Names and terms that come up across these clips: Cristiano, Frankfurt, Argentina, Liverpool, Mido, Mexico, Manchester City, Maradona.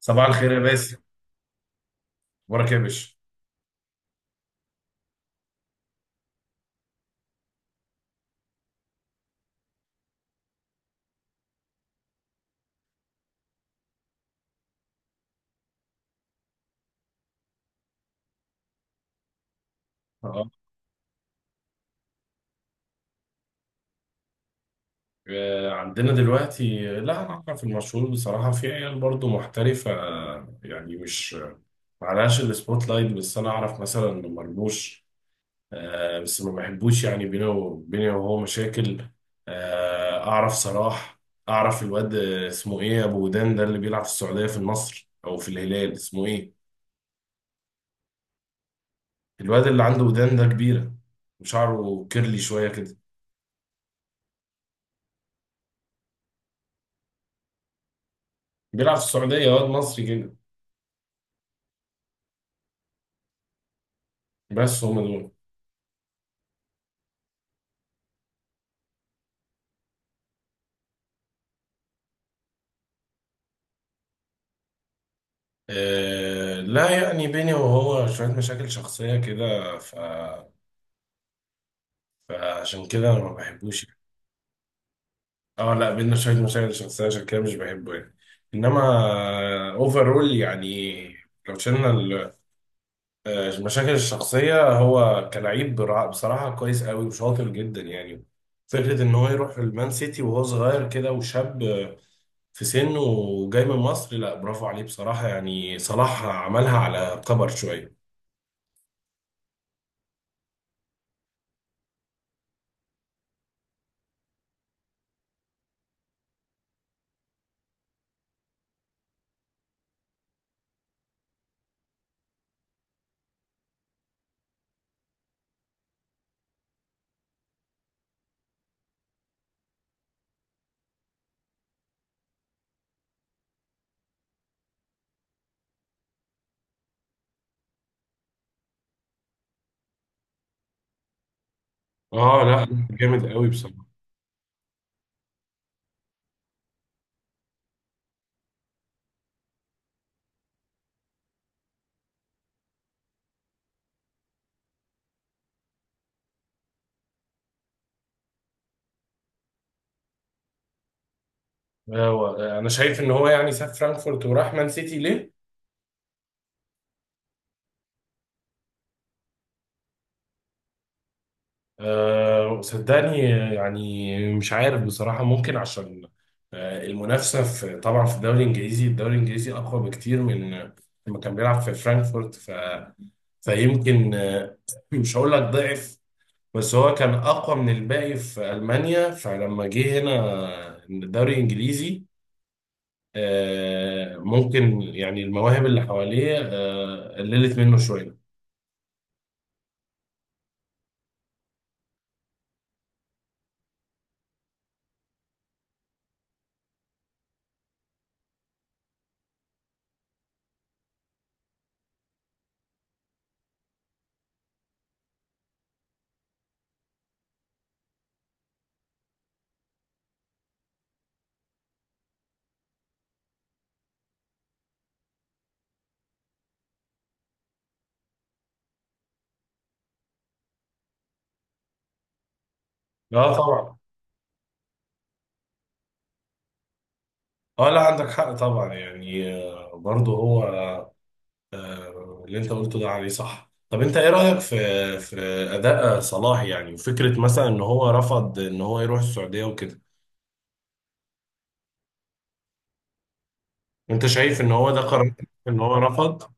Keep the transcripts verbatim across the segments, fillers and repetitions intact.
صباح الخير يا باسل. اخبارك يا باشا؟ اه. آه، عندنا دلوقتي، لا احنا في المشهور بصراحه في عيال برضو محترفه، آه، يعني مش معلهاش السبوت لايت، بس انا اعرف مثلا مرموش. آه، بس ما بحبوش، يعني بينه وبيني وهو مشاكل. آه، اعرف صلاح. اعرف الواد آه، اسمه ايه، ابو ودان ده اللي بيلعب في السعوديه في النصر او في الهلال، اسمه ايه؟ الواد اللي عنده ودان ده كبيره، وشعره كيرلي شويه كده. بيلعب في السعوديه، واد مصري كده. بس هم دول. آه لا، يعني بيني وهو شوية مشاكل شخصية كده ف... فعشان كده أنا ما بحبوش يعني. اه لا، بينا شوية مشاكل شخصية، عشان كده مش بحبه يعني. إنما أوفرول يعني، لو شلنا ال- آه، المشاكل الشخصية، هو كلاعب برا- بصراحة كويس قوي وشاطر جدا يعني. فكرة إن هو يروح المان سيتي وهو صغير كده وشاب، آه، في سنه وجاي من مصر، لا برافو عليه بصراحة يعني. صلاح عملها على كبر شوية. اه لا، جامد قوي بصراحه. هو انا شايف ان هو يعني ساب فرانكفورت وراح مان سيتي ليه؟ آه وصدقني، آه، يعني مش عارف بصراحة، ممكن عشان آه المنافسة في، طبعا في الدوري الانجليزي، الدوري الانجليزي اقوى بكتير من آه، لما كان بيلعب في فرانكفورت. ف فيمكن آه، مش هقول لك ضعف، بس هو كان اقوى من الباقي في المانيا، فلما جه هنا آه، الدوري الانجليزي، آه، ممكن يعني المواهب اللي حواليه آه، قللت منه شوية. اه طبعا. اه لا، عندك حق طبعا يعني. آه، برضه هو اللي انت قلته ده عليه صح. طب انت ايه رأيك في في اداء صلاح يعني، وفكرة مثلا ان هو رفض ان هو يروح السعودية وكده؟ انت شايف ان هو ده قرار ان هو رفض؟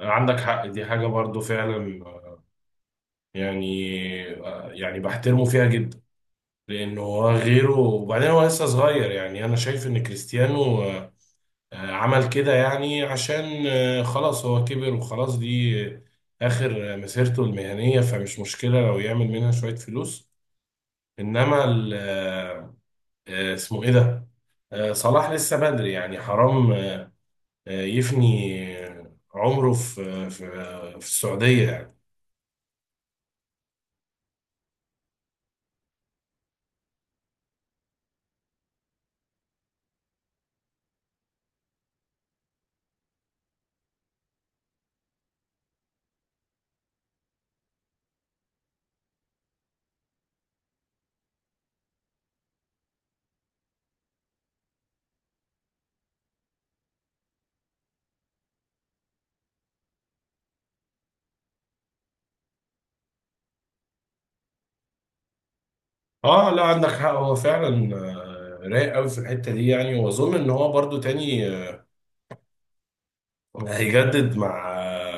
عندك حق، دي حاجة برضه فعلا يعني، آه، يعني بحترمه فيها جدا. لانه هو غيره، وبعدين هو لسه صغير. يعني انا شايف ان كريستيانو آه، آه، عمل كده يعني عشان آه، خلاص هو كبر وخلاص، دي آه، آخر آه، مسيرته المهنية، فمش مشكلة لو يعمل منها شوية فلوس. إنما ال- آه، آه، اسمه إيه ده؟ آه، صلاح لسه بدري يعني، حرام. آه، يفني آه، عمره في في في السعودية يعني. آه لا، عندك حق، هو فعلا آه، رايق قوي في الحتة دي يعني. وأظن إن هو برضو تاني هيجدد مع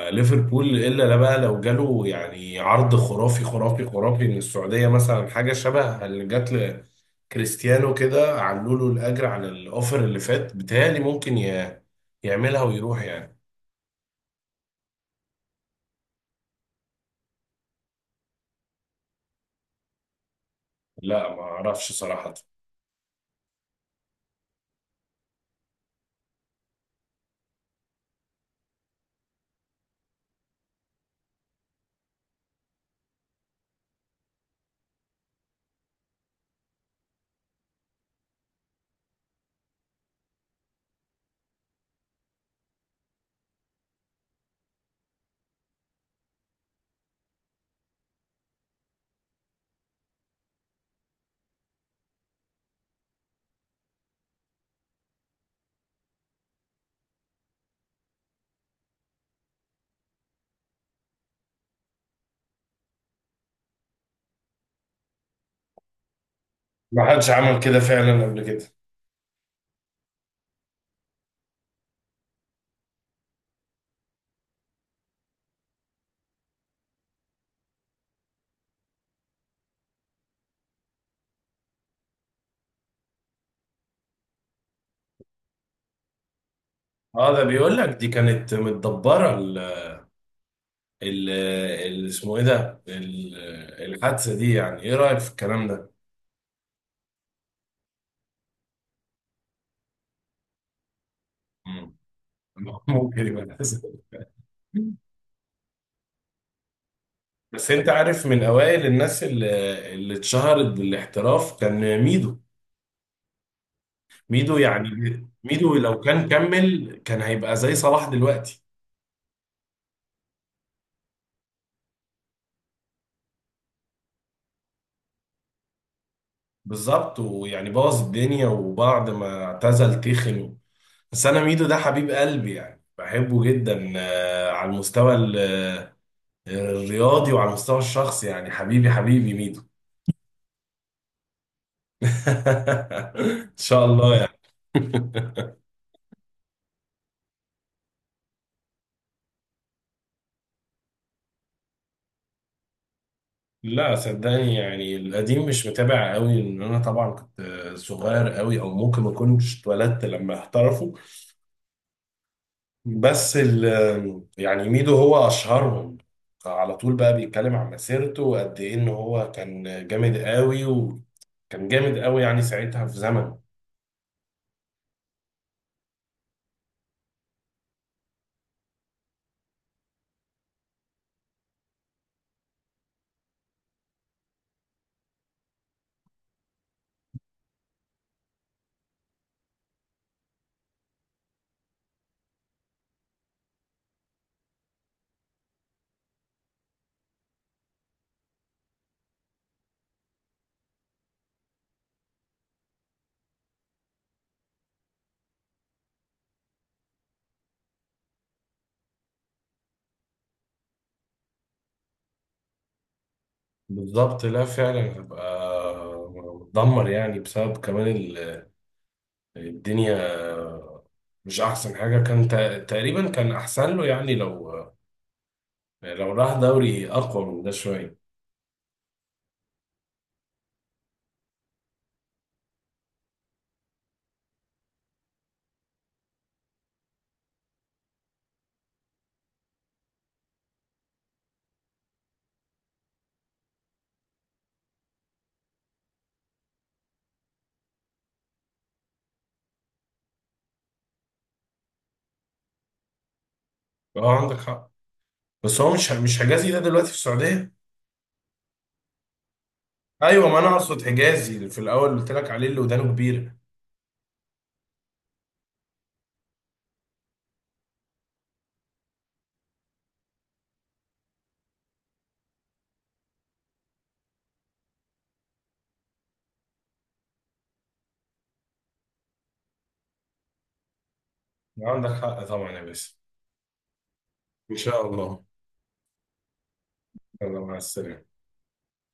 ليفربول، الا لا بقى لو جاله يعني عرض خرافي خرافي خرافي من السعوديه، مثلا حاجه شبه اللي جات لكريستيانو كده، علوا له الاجر على الاوفر اللي فات، بتهيألي ممكن ي- يعملها ويروح يعني. لا ما اعرفش صراحه. ما حدش عمل كده فعلا قبل كده. اه، ده بيقول لك دي كانت متدبره ال ال ال- اسمه ايه ده ال- الحادثه دي، يعني ايه رايك في الكلام ده؟ مم. ممكن يبقى كذا. بس انت عارف من اوائل الناس اللي اللي اتشهرت بالاحتراف كان ميدو. ميدو يعني، ميدو لو كان كمل كان هيبقى زي صلاح دلوقتي. بالظبط، ويعني بوظ الدنيا وبعد ما اعتزل تخن. بس انا ميدو ده حبيب قلبي يعني، بحبه جدا آه، على المستوى ال- الرياضي وعلى المستوى الشخصي يعني، حبيبي حبيبي ميدو. ان شاء الله يعني. لا صدقني، يعني القديم مش متابع قوي، لان انا طبعا كنت صغير قوي، او ممكن ما كنتش اتولدت لما احترفوا. بس ال يعني ميدو هو اشهرهم على طول، بقى بيتكلم عن مسيرته وقد ايه ان هو كان جامد قوي، وكان جامد قوي يعني ساعتها في زمنه. بالظبط، لا فعلا هبقى متدمر، يعني بسبب كمان ال- الدنيا، مش احسن حاجة. كان تق- تقريبا كان احسن له يعني، لو يعني لو راح دوري اقوى من ده شويه. اه عندك حق. بس هو مش مش حجازي ده دلوقتي في السعوديه؟ ايوه ما انا اقصد حجازي اللي في الاول قلت لك عليه، اللي ودانه كبيره. عندك حق طبعا يا باسم. ان شاء الله. يلا مع السلامه.